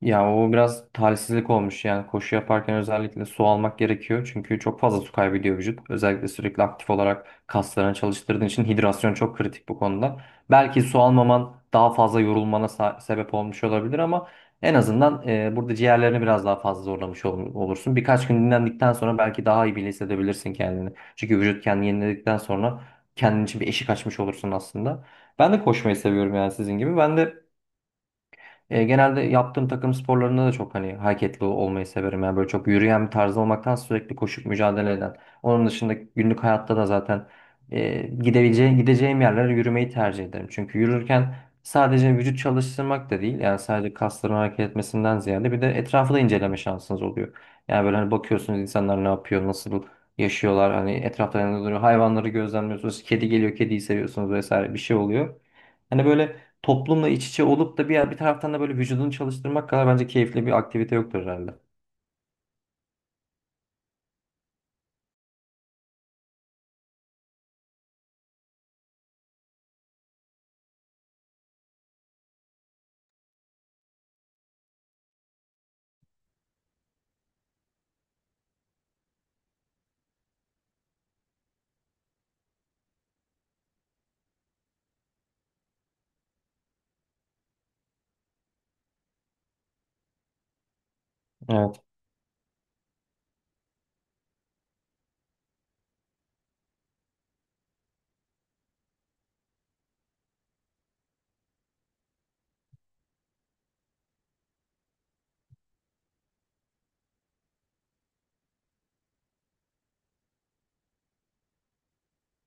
Ya o biraz talihsizlik olmuş yani koşu yaparken özellikle su almak gerekiyor çünkü çok fazla su kaybediyor vücut. Özellikle sürekli aktif olarak kaslarını çalıştırdığın için hidrasyon çok kritik bu konuda. Belki su almaman daha fazla yorulmana sebep olmuş olabilir ama en azından burada ciğerlerini biraz daha fazla zorlamış olursun. Birkaç gün dinlendikten sonra belki daha iyi bile hissedebilirsin kendini. Çünkü vücut kendini yeniledikten sonra kendin için bir eşik açmış olursun aslında. Ben de koşmayı seviyorum yani sizin gibi. Ben de genelde yaptığım takım sporlarında da çok hani hareketli olmayı severim. Yani böyle çok yürüyen bir tarz olmaktan sürekli koşup mücadele eden. Onun dışında günlük hayatta da zaten gideceğim yerlere yürümeyi tercih ederim. Çünkü yürürken sadece vücut çalıştırmak da değil. Yani sadece kasların hareket etmesinden ziyade bir de etrafı da inceleme şansınız oluyor. Yani böyle hani bakıyorsunuz insanlar ne yapıyor, nasıl yaşıyorlar. Hani etrafta ne duruyor, hayvanları gözlemliyorsunuz. Kedi geliyor, kediyi seviyorsunuz vesaire bir şey oluyor. Hani böyle toplumla iç içe olup da bir taraftan da böyle vücudunu çalıştırmak kadar bence keyifli bir aktivite yoktur herhalde. Evet.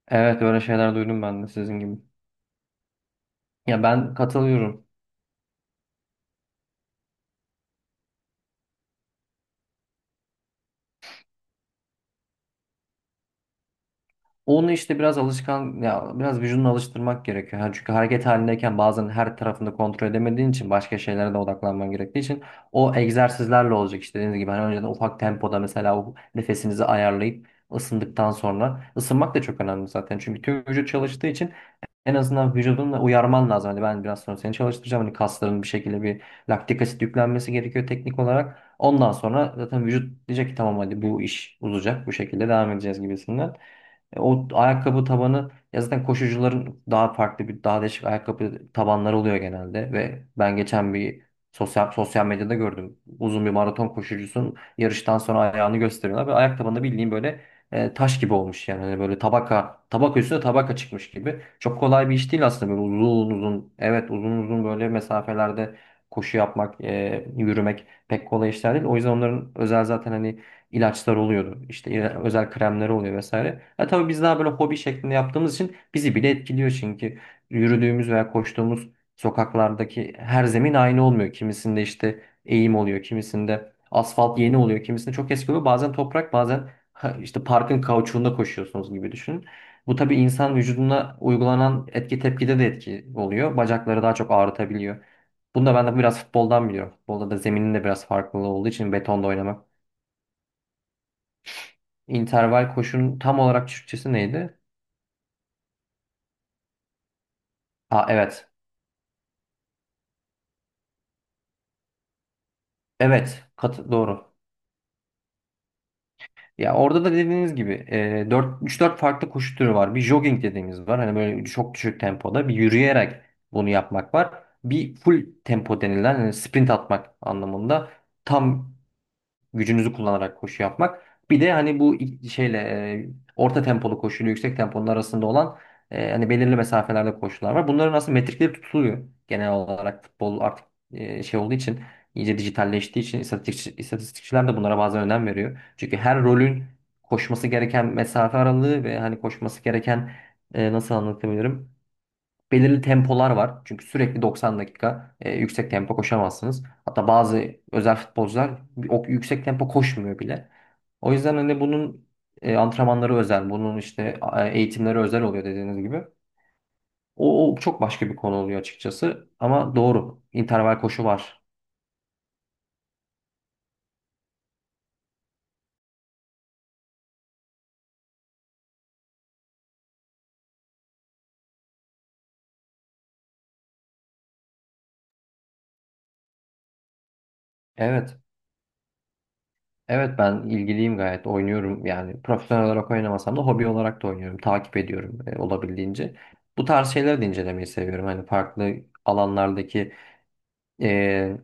Evet öyle şeyler duydum ben de sizin gibi. Ya ben katılıyorum. Onu işte biraz alışkan ya biraz vücudunu alıştırmak gerekiyor. Yani çünkü hareket halindeyken bazen her tarafını kontrol edemediğin için başka şeylere de odaklanman gerektiği için o egzersizlerle olacak işte dediğiniz gibi. Hani önceden ufak tempoda mesela o nefesinizi ayarlayıp ısındıktan sonra ısınmak da çok önemli zaten. Çünkü tüm vücut çalıştığı için en azından vücudunla uyarman lazım. Hani ben biraz sonra seni çalıştıracağım. Hani kasların bir şekilde bir laktik asit yüklenmesi gerekiyor teknik olarak. Ondan sonra zaten vücut diyecek ki tamam hadi bu iş uzayacak. Bu şekilde devam edeceğiz gibisinden. O ayakkabı tabanı ya zaten koşucuların daha farklı bir daha değişik ayakkabı tabanları oluyor genelde ve ben geçen bir sosyal medyada gördüm. Uzun bir maraton koşucusunun yarıştan sonra ayağını gösteriyorlar ve ayak tabanında bildiğin böyle taş gibi olmuş yani hani böyle tabaka tabaka üstüne tabaka çıkmış gibi. Çok kolay bir iş değil aslında böyle uzun uzun evet uzun uzun böyle mesafelerde koşu yapmak, yürümek pek kolay işler değil. O yüzden onların özel zaten hani ilaçlar oluyordu. İşte özel kremler oluyor vesaire. Ha, tabii biz daha böyle hobi şeklinde yaptığımız için bizi bile etkiliyor çünkü yürüdüğümüz veya koştuğumuz sokaklardaki her zemin aynı olmuyor. Kimisinde işte eğim oluyor, kimisinde asfalt yeni oluyor, kimisinde çok eski oluyor. Bazen toprak, bazen ha, işte parkın kauçuğunda koşuyorsunuz gibi düşünün. Bu tabii insan vücuduna uygulanan etki tepkide de etki oluyor. Bacakları daha çok ağrıtabiliyor. Bunu da ben de biraz futboldan biliyorum. Futbolda da zeminin de biraz farklılığı olduğu için betonda oynamak. İnterval koşunun tam olarak Türkçesi neydi? Aa evet. Evet. Kat doğru. Ya orada da dediğiniz gibi e, 4 3-4 farklı koşu türü var. Bir jogging dediğimiz var. Hani böyle çok düşük tempoda bir yürüyerek bunu yapmak var. Bir full tempo denilen hani sprint atmak anlamında tam gücünüzü kullanarak koşu yapmak. Bir de hani bu e, orta tempolu koşuyla yüksek temponun arasında olan hani belirli mesafelerde koşular var. Bunların aslında metrikleri tutuluyor. Genel olarak futbol artık e, şey olduğu için iyice dijitalleştiği için istatistikçiler de bunlara bazen önem veriyor. Çünkü her rolün koşması gereken mesafe aralığı ve hani koşması gereken nasıl anlatabilirim? Belirli tempolar var. Çünkü sürekli 90 dakika yüksek tempo koşamazsınız. Hatta bazı özel futbolcular o yüksek tempo koşmuyor bile. O yüzden hani bunun antrenmanları özel, bunun işte eğitimleri özel oluyor dediğiniz gibi. O çok başka bir konu oluyor açıkçası. Ama doğru. interval koşu var. Evet. Evet ben ilgiliyim gayet. Oynuyorum yani. Profesyonel olarak oynamasam da hobi olarak da oynuyorum. Takip ediyorum olabildiğince. Bu tarz şeyleri de incelemeyi seviyorum. Hani farklı alanlardaki e,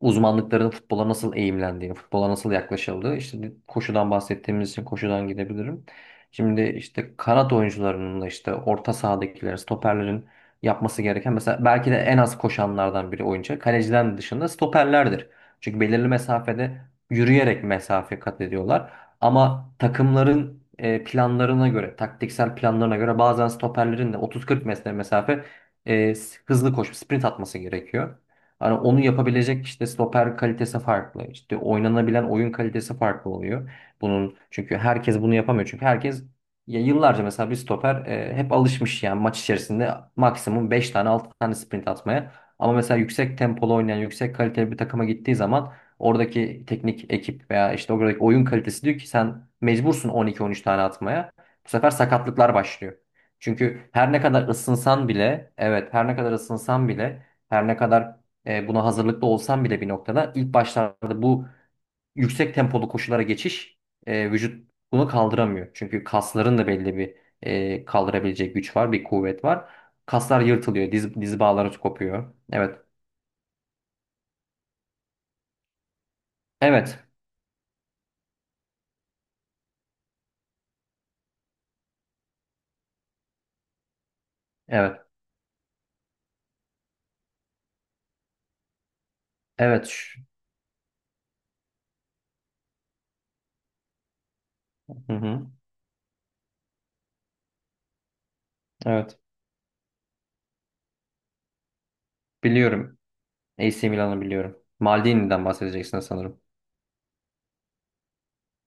uzmanlıkların futbola nasıl eğimlendiğini, futbola nasıl yaklaşıldığı. İşte koşudan bahsettiğimiz için koşudan gidebilirim. Şimdi işte kanat oyuncularının da işte orta sahadakilerin, stoperlerin yapması gereken mesela belki de en az koşanlardan biri oyuncu. Kaleciden dışında stoperlerdir. Çünkü belirli mesafede yürüyerek mesafe kat ediyorlar. Ama takımların planlarına göre, taktiksel planlarına göre bazen stoperlerin de 30-40 metre mesafe e, hızlı koşup sprint atması gerekiyor. Hani onu yapabilecek işte stoper kalitesi farklı. İşte oynanabilen oyun kalitesi farklı oluyor. Bunun çünkü herkes bunu yapamıyor. Çünkü herkes ya yıllarca mesela bir stoper hep alışmış yani maç içerisinde maksimum 5 tane 6 tane sprint atmaya. Ama mesela yüksek tempolu oynayan, yüksek kaliteli bir takıma gittiği zaman oradaki teknik ekip veya işte oradaki oyun kalitesi diyor ki sen mecbursun on iki on üç tane atmaya. Bu sefer sakatlıklar başlıyor. Çünkü her ne kadar ısınsan bile, evet her ne kadar ısınsan bile her ne kadar buna hazırlıklı olsan bile bir noktada ilk başlarda bu yüksek tempolu koşulara geçiş vücut bunu kaldıramıyor. Çünkü kasların da belli bir kaldırabilecek güç var, bir kuvvet var. Kaslar yırtılıyor, diz bağları kopuyor. Evet, evet, evet, evet. Hı hı. Evet, biliyorum. AC Milan'ı biliyorum. Maldini'den bahsedeceksin sanırım.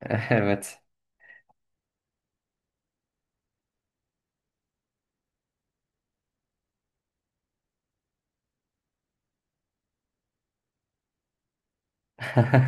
Evet.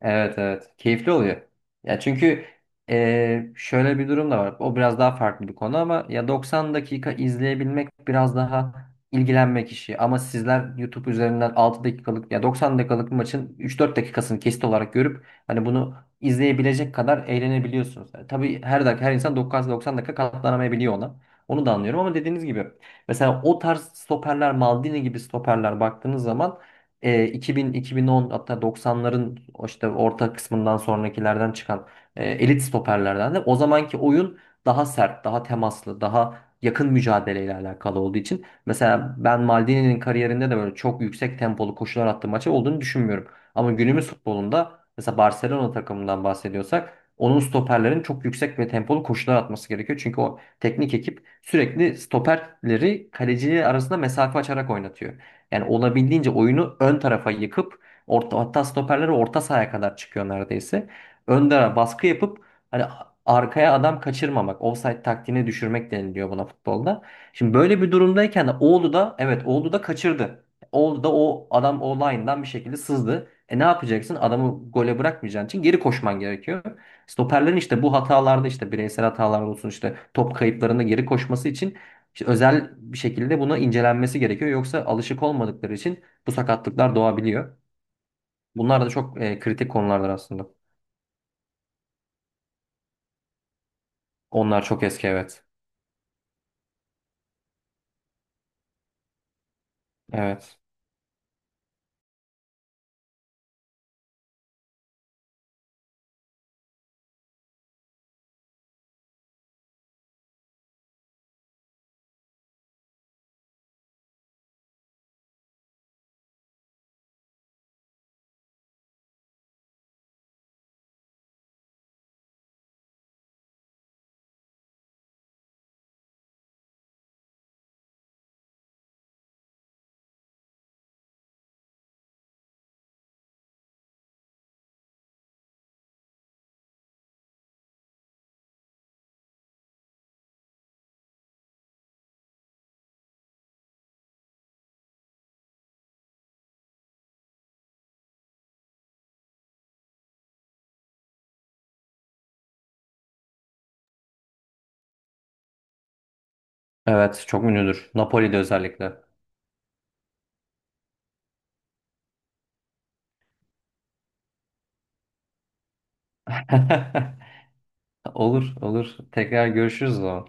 Evet evet. Keyifli oluyor. Ya çünkü şöyle bir durum da var. O biraz daha farklı bir konu ama ya 90 dakika izleyebilmek biraz daha ilgilenmek işi. Ama sizler YouTube üzerinden 6 dakikalık ya 90 dakikalık bir maçın 3-4 dakikasını kesit olarak görüp hani bunu izleyebilecek kadar eğlenebiliyorsunuz. Yani tabii her dakika her insan 90 dakika katlanamayabiliyor ona. Onu da anlıyorum ama dediğiniz gibi mesela o tarz stoperler Maldini gibi stoperler baktığınız zaman 2000, 2010 hatta 90'ların o işte orta kısmından sonrakilerden çıkan elit stoperlerden de o zamanki oyun daha sert, daha temaslı, daha yakın mücadeleyle alakalı olduğu için mesela ben Maldini'nin kariyerinde de böyle çok yüksek tempolu koşular attığı maçı olduğunu düşünmüyorum. Ama günümüz futbolunda mesela Barcelona takımından bahsediyorsak onun stoperlerin çok yüksek ve tempolu koşular atması gerekiyor. Çünkü o teknik ekip sürekli stoperleri kaleciyle arasında mesafe açarak oynatıyor. Yani olabildiğince oyunu ön tarafa yıkıp orta, hatta stoperleri orta sahaya kadar çıkıyor neredeyse. Öndere baskı yapıp hani arkaya adam kaçırmamak, offside taktiğini düşürmek deniliyor buna futbolda. Şimdi böyle bir durumdayken de Oğlu da evet Oğlu da kaçırdı. Oğlu da o adam o line'dan bir şekilde sızdı. E ne yapacaksın? Adamı gole bırakmayacağın için geri koşman gerekiyor. Stoperlerin işte bu hatalarda işte bireysel hatalar olsun işte top kayıplarında geri koşması için işte özel bir şekilde buna incelenmesi gerekiyor. Yoksa alışık olmadıkları için bu sakatlıklar doğabiliyor. Bunlar da çok kritik konulardır aslında. Onlar çok eski evet. Evet. Evet çok ünlüdür. Napoli'de özellikle. Olur olur. Tekrar görüşürüz o zaman.